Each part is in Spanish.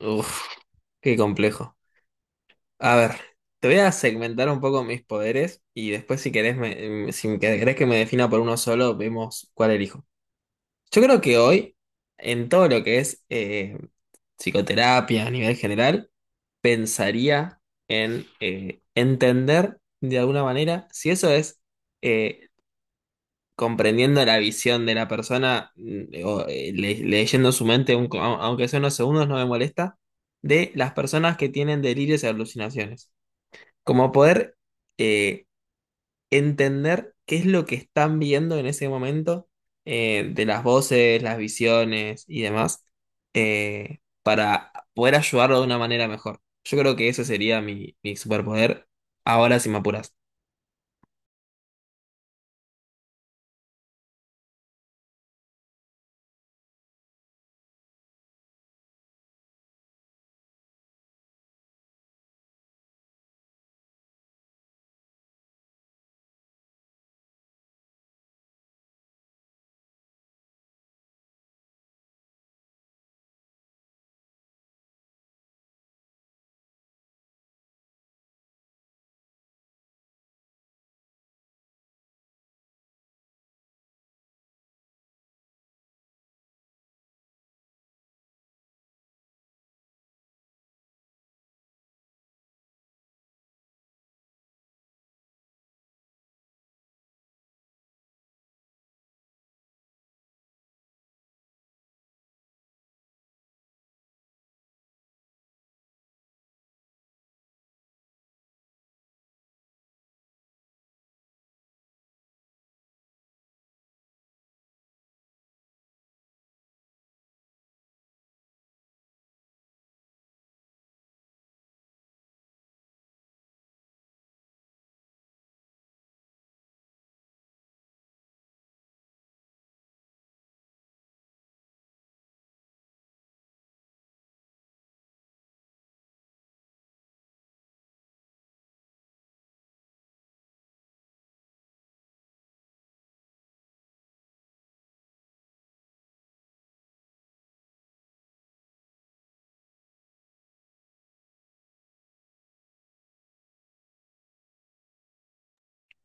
Uf, qué complejo. A ver, te voy a segmentar un poco mis poderes y después si querés, si querés que me defina por uno solo, vemos cuál elijo. Yo creo que hoy, en todo lo que es psicoterapia a nivel general, pensaría en entender de alguna manera si eso es eh, comprendiendo la visión de la persona, o, leyendo su mente, aunque sea unos segundos, no me molesta, de las personas que tienen delirios y alucinaciones. Como poder eh, entender qué es lo que están viendo en ese momento, de las voces, las visiones y demás, para poder ayudarlo de una manera mejor. Yo creo que ese sería mi superpoder ahora si me apuras.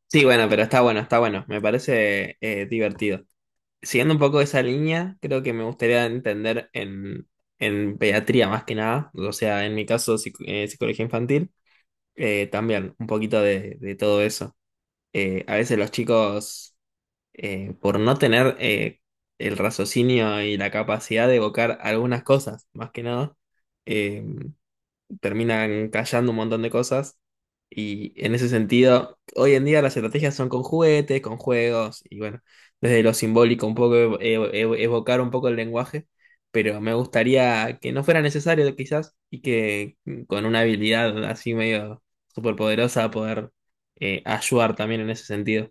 Sí, bueno, pero está bueno, está bueno. Me parece divertido. Siguiendo un poco esa línea, creo que me gustaría entender en pediatría más que nada, o sea, en mi caso, psicología infantil, también un poquito de todo eso. A veces los chicos, por no tener el raciocinio y la capacidad de evocar algunas cosas, más que nada, eh, terminan callando un montón de cosas. Y en ese sentido, hoy en día las estrategias son con juguetes, con juegos, y bueno, desde lo simbólico un poco evocar un poco el lenguaje, pero me gustaría que no fuera necesario quizás y que con una habilidad así medio superpoderosa poder ayudar también en ese sentido.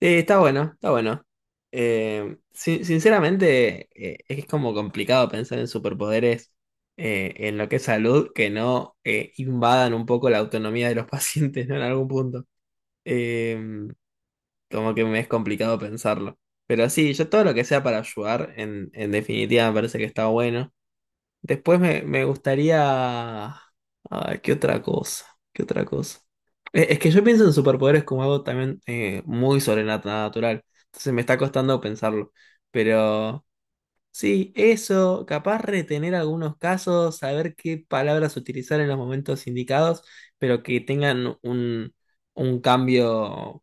Sí, está bueno, está bueno. Sinceramente, es como complicado pensar en superpoderes en lo que es salud que no invadan un poco la autonomía de los pacientes, ¿no? En algún punto. Eh, como que me es complicado pensarlo. Pero sí, yo todo lo que sea para ayudar, en definitiva, me parece que está bueno. Después me gustaría... Ah, ¿qué otra cosa? ¿Qué otra cosa? Es que yo pienso en superpoderes como algo también muy sobrenatural. Entonces me está costando pensarlo. Pero sí, eso, capaz retener algunos casos, saber qué palabras utilizar en los momentos indicados, pero que tengan un cambio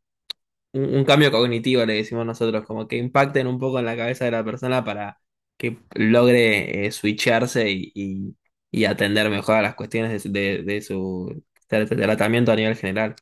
un cambio cognitivo, le decimos nosotros, como que impacten un poco en la cabeza de la persona para que logre switcharse y atender mejor a las cuestiones de su tratamiento a nivel general.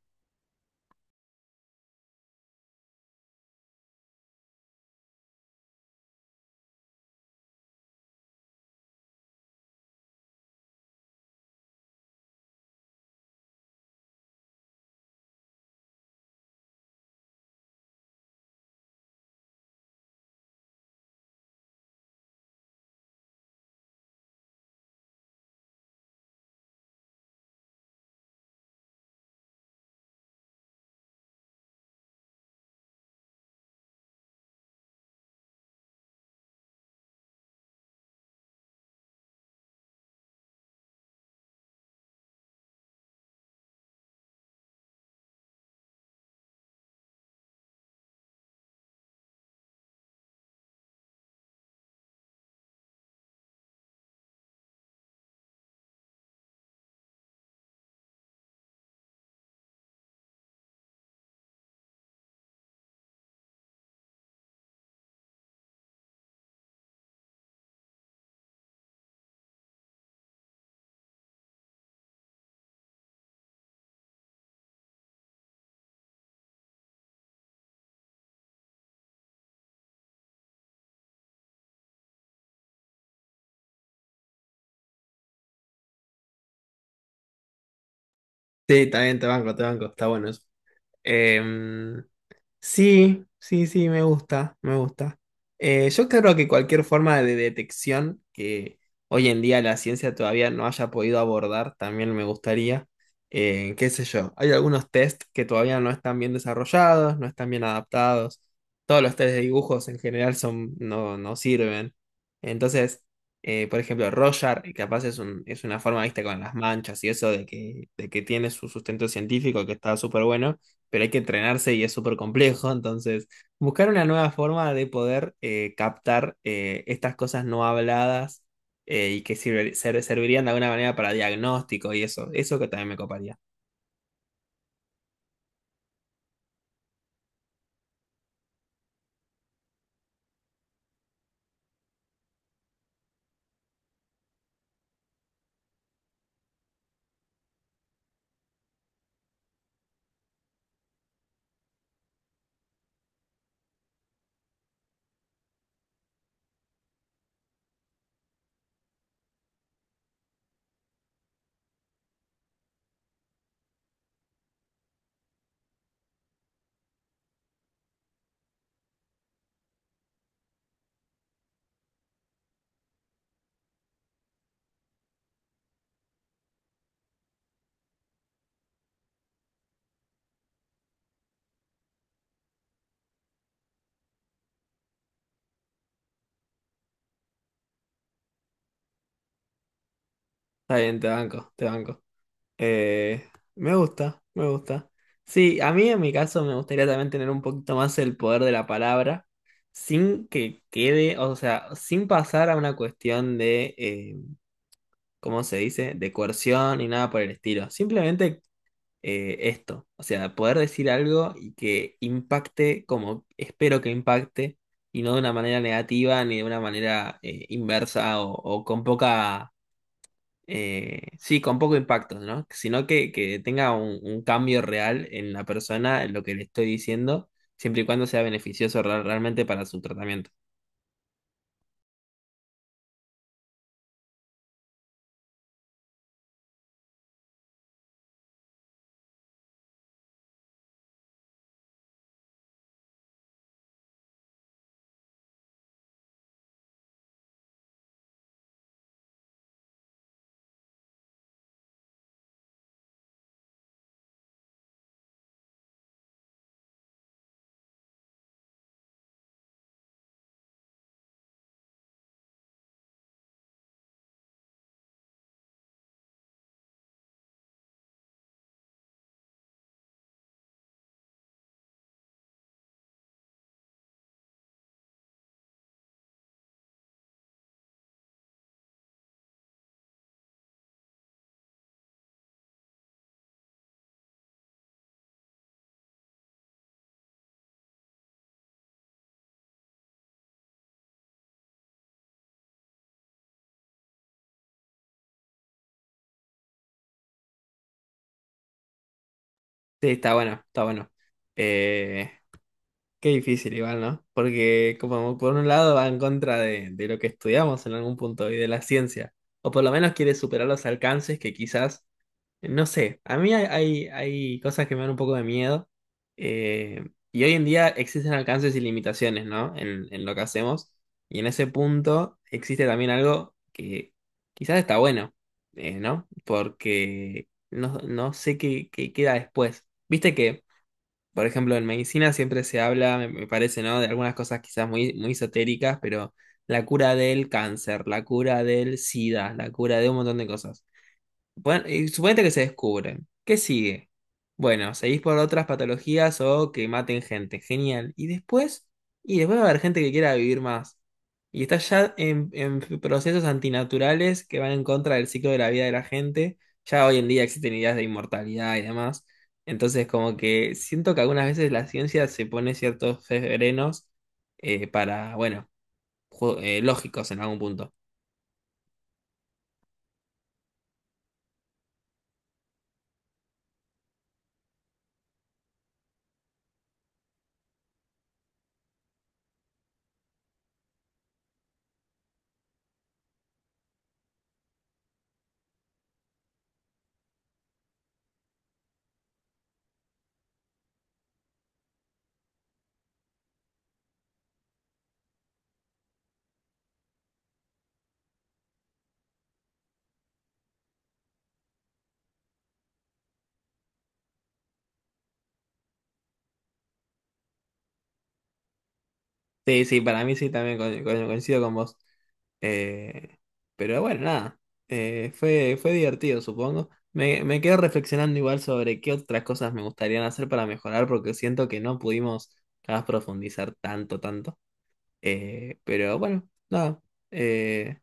Sí, también te banco, está bueno eso. Sí, sí, sí, me gusta, me gusta. Yo creo que cualquier forma de detección que hoy en día la ciencia todavía no haya podido abordar, también me gustaría. Qué sé yo, hay algunos test que todavía no están bien desarrollados, no están bien adaptados. Todos los test de dibujos en general son, no sirven. Entonces, por ejemplo, Roger, y capaz es un, es una forma, viste, con las manchas y eso de que tiene su sustento científico que está súper bueno pero hay que entrenarse y es súper complejo. Entonces, buscar una nueva forma de poder captar estas cosas no habladas y que servirían de alguna manera para diagnóstico y eso. Eso que también me coparía. Está bien, te banco, te banco. Eh, me gusta, me gusta. Sí, a mí en mi caso me gustaría también tener un poquito más el poder de la palabra. Sin que quede, o sea, sin pasar a una cuestión de ¿cómo se dice? De coerción ni nada por el estilo. Simplemente esto. O sea, poder decir algo y que impacte como espero que impacte y no de una manera negativa ni de una manera inversa o con poca, sí, con poco impacto, ¿no? Que tenga un cambio real en la persona, en lo que le estoy diciendo, siempre y cuando sea beneficioso realmente para su tratamiento. Sí, está bueno, está bueno. Eh, qué difícil igual, ¿no? Porque como por un lado va en contra de lo que estudiamos en algún punto y de la ciencia, o por lo menos quiere superar los alcances que quizás, no sé, a mí hay cosas que me dan un poco de miedo y hoy en día existen alcances y limitaciones, ¿no? En lo que hacemos y en ese punto existe también algo que quizás está bueno, ¿no? Porque no sé qué queda después. Viste que... Por ejemplo, en medicina siempre se habla, me parece, ¿no? De algunas cosas quizás muy esotéricas, pero la cura del cáncer, la cura del SIDA, la cura de un montón de cosas. Bueno, y suponete que se descubren. ¿Qué sigue? Bueno, seguís por otras patologías o que maten gente. Genial. Y después va a haber gente que quiera vivir más. Y está ya en procesos antinaturales que van en contra del ciclo de la vida de la gente. Ya hoy en día existen ideas de inmortalidad y demás. Entonces, como que siento que algunas veces la ciencia se pone ciertos frenos para, bueno, lógicos en algún punto. Sí, sí, para mí sí, también coincido con vos. Eh, pero bueno, nada, fue, fue divertido, supongo. Me quedo reflexionando igual sobre qué otras cosas me gustaría hacer para mejorar, porque siento que no pudimos capaz, profundizar tanto, tanto. Pero bueno, nada, eh,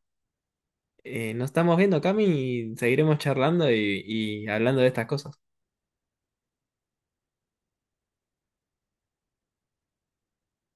nos estamos viendo, Cami, y seguiremos charlando y hablando de estas cosas.